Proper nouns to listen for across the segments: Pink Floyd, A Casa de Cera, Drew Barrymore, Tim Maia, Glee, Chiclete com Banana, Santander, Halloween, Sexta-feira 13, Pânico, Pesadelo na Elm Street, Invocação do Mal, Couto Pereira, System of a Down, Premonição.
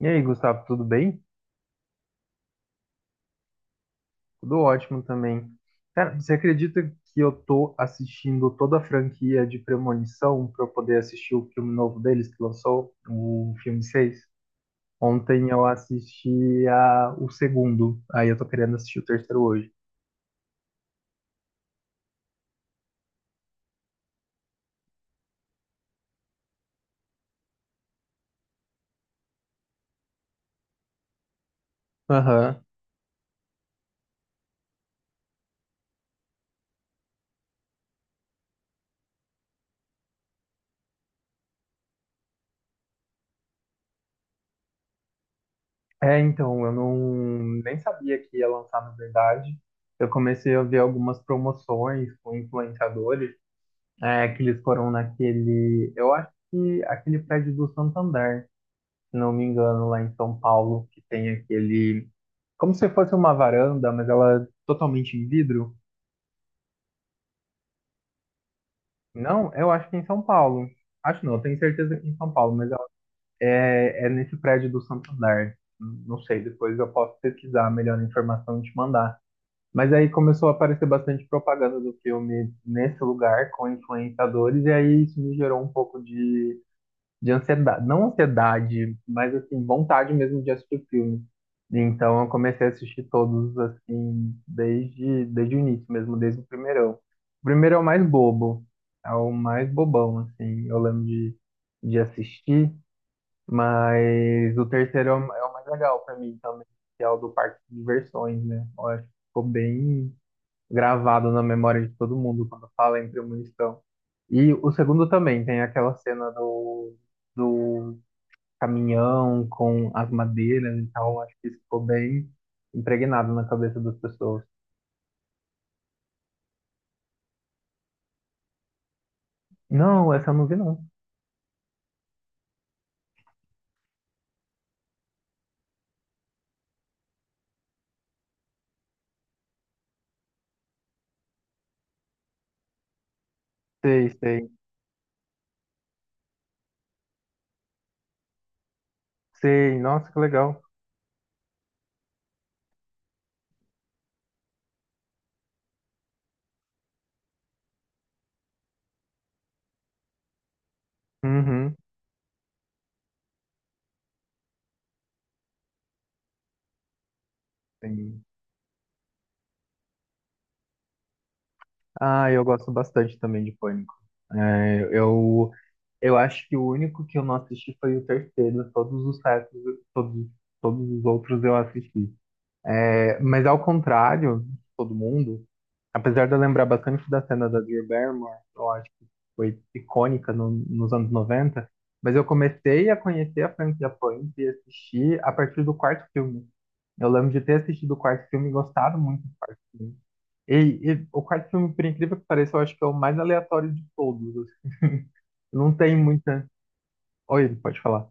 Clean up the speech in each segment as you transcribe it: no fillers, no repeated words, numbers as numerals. E aí, Gustavo, tudo bem? Tudo ótimo também. Cara, você acredita que eu tô assistindo toda a franquia de Premonição para eu poder assistir o filme novo deles que lançou, o filme 6? Ontem eu assisti a, o segundo, aí eu tô querendo assistir o terceiro hoje. Aham. É, então, eu nem sabia que ia lançar, na verdade. Eu comecei a ver algumas promoções com influenciadores, que eles foram naquele, eu acho que aquele prédio do Santander, se não me engano, lá em São Paulo, que tem aquele, como se fosse uma varanda, mas ela é totalmente em vidro. Não, eu acho que é em São Paulo. Acho não, eu tenho certeza que é em São Paulo, mas é, é nesse prédio do Santander. Não sei, depois eu posso pesquisar a melhor informação e te mandar. Mas aí começou a aparecer bastante propaganda do filme nesse lugar com influenciadores, e aí isso me gerou um pouco de ansiedade, não ansiedade, mas assim, vontade mesmo de assistir filme. Então eu comecei a assistir todos assim, desde o início mesmo, desde o primeirão. O primeiro é o mais bobo, é o mais bobão, assim, eu lembro de assistir, mas o terceiro é é o mais legal pra mim também, que é o do parque de diversões, né? Eu acho que ficou bem gravado na memória de todo mundo quando fala em premonição. E o segundo também tem aquela cena do, do caminhão com as madeiras e tal. Acho que isso ficou bem impregnado na cabeça das pessoas. Não, essa eu não vi, não. Sei, sei. Sei, nossa, que legal. Uhum. Sim. Ah, eu gosto bastante também de Pânico. É, eu acho que o único que eu não assisti foi o terceiro. Todos os restos, todos, todos os outros eu assisti. É, mas ao contrário de todo mundo, apesar de eu lembrar bastante da cena da Drew Barrymore, eu acho que foi icônica nos anos 90, mas eu comecei a conhecer a franquia Punk e assistir a partir do quarto filme. Eu lembro de ter assistido o quarto filme e gostado muito do quarto filme. E, e o quarto filme, por incrível que pareça, eu acho que é o mais aleatório de todos, assim. Não tem muita. Oi, pode falar.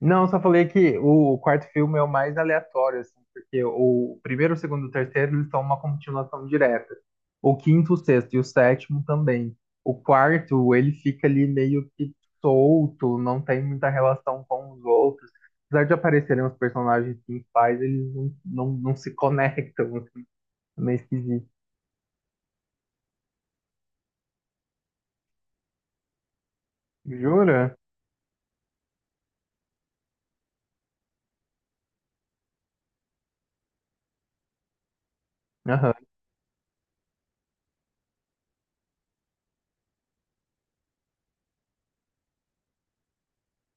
Não, só falei que o quarto filme é o mais aleatório, assim, porque o primeiro, o segundo e o terceiro, eles são uma continuação direta. O quinto, o sexto e o sétimo também. O quarto, ele fica ali meio que solto, não tem muita relação com os outros. Apesar de aparecerem os personagens principais, eles não se conectam, assim, é meio esquisito. Jura? Aham.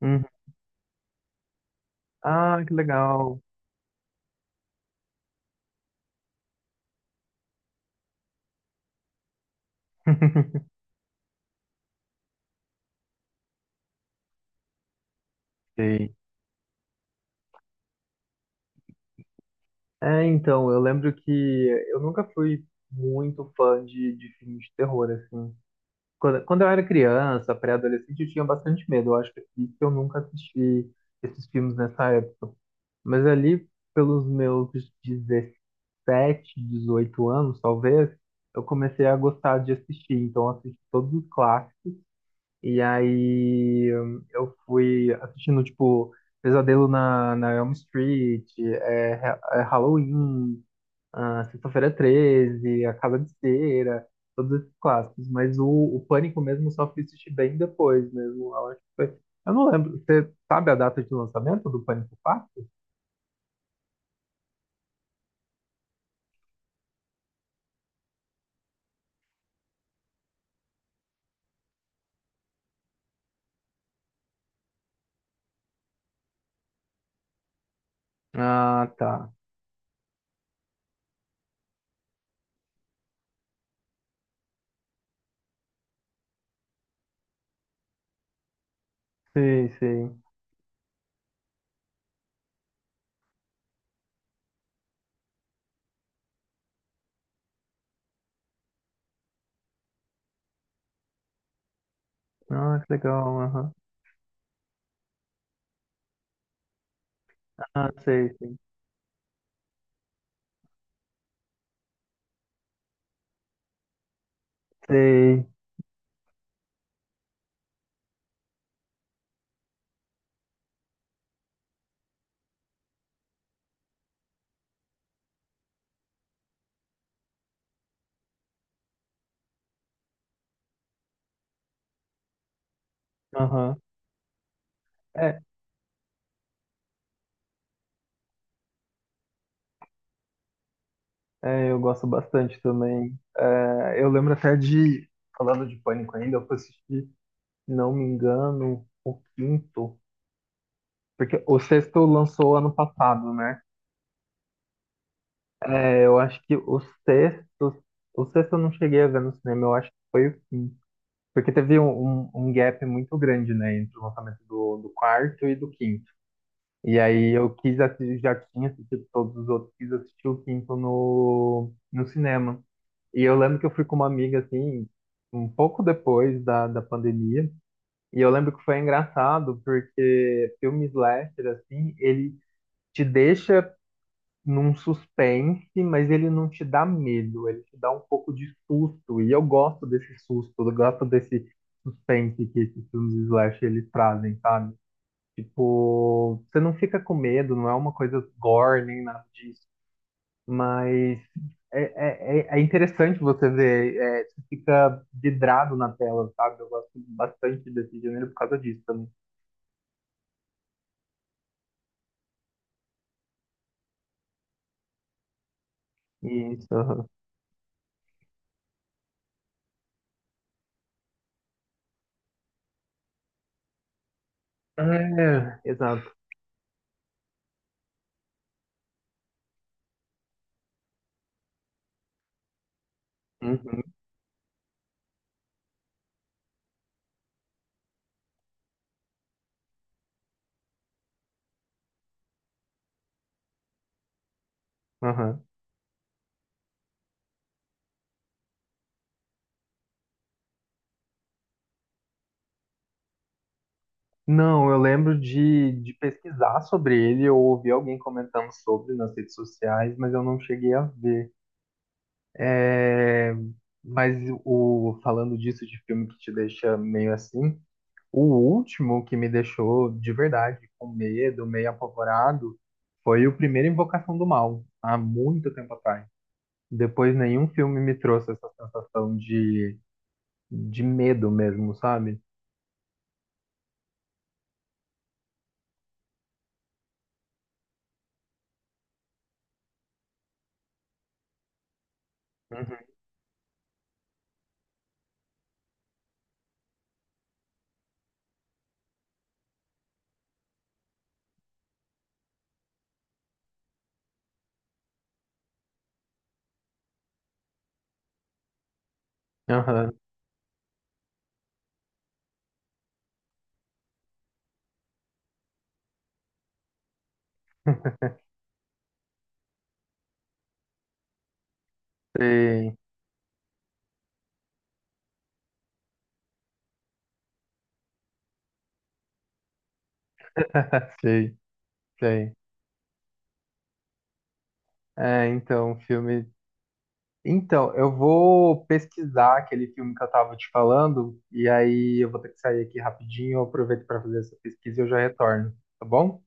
Uhum. Ah, que legal. Sim. É, então, eu lembro que eu nunca fui muito fã de filmes de terror, assim. Quando eu era criança, pré-adolescente, eu tinha bastante medo. Eu acho que é por isso que eu nunca assisti esses filmes nessa época. Mas ali, pelos meus 17, 18 anos, talvez, eu comecei a gostar de assistir. Então, eu assisti todos os clássicos. E aí, eu fui assistindo, tipo, Pesadelo na Elm Street, é Halloween, ah, Sexta-feira 13, A Casa de Cera, todos esses clássicos. Mas o Pânico mesmo eu só fui assistir bem depois mesmo. Eu acho que foi. Eu não lembro. Você sabe a data de lançamento do Pânico 4? Ah, tá. Sim, sim. Ah, que legal. Aham. Ah, sei, sei. Sei. Aham. É, é, eu gosto bastante também. É, eu lembro até de, falando de Pânico ainda, eu fui assistir, não me engano, o quinto, porque o sexto lançou ano passado, né? É, eu acho que o sexto eu não cheguei a ver no cinema, eu acho que foi o quinto. Porque teve um, um gap muito grande, né, entre o lançamento do, do quarto e do quinto. E aí eu quis assistir, já tinha assistido todos os outros, quis assistir o quinto no, no cinema. E eu lembro que eu fui com uma amiga, assim, um pouco depois da, da pandemia. E eu lembro que foi engraçado, porque filme slasher, assim, ele te deixa num suspense, mas ele não te dá medo, ele te dá um pouco de susto. E eu gosto desse susto, eu gosto desse suspense que esses filmes de slash eles trazem, sabe? Tipo, você não fica com medo, não é uma coisa gore nem nada disso, mas é interessante você ver, é, você fica vidrado na tela, sabe? Eu gosto bastante desse gênero por causa disso também. Isso, aham. É, exato. Uhum, aham. Não, eu lembro de pesquisar sobre ele, eu ouvi alguém comentando sobre nas redes sociais, mas eu não cheguei a ver. É, mas o, falando disso de filme que te deixa meio assim, o último que me deixou de verdade com medo, meio apavorado, foi o primeiro Invocação do Mal, há muito tempo atrás. Depois nenhum filme me trouxe essa sensação de medo mesmo, sabe? Uhum. Aham, sei, sei, sei. É, então, o filme. Então, eu vou pesquisar aquele filme que eu tava te falando, e aí eu vou ter que sair aqui rapidinho, eu aproveito para fazer essa pesquisa e eu já retorno, tá bom?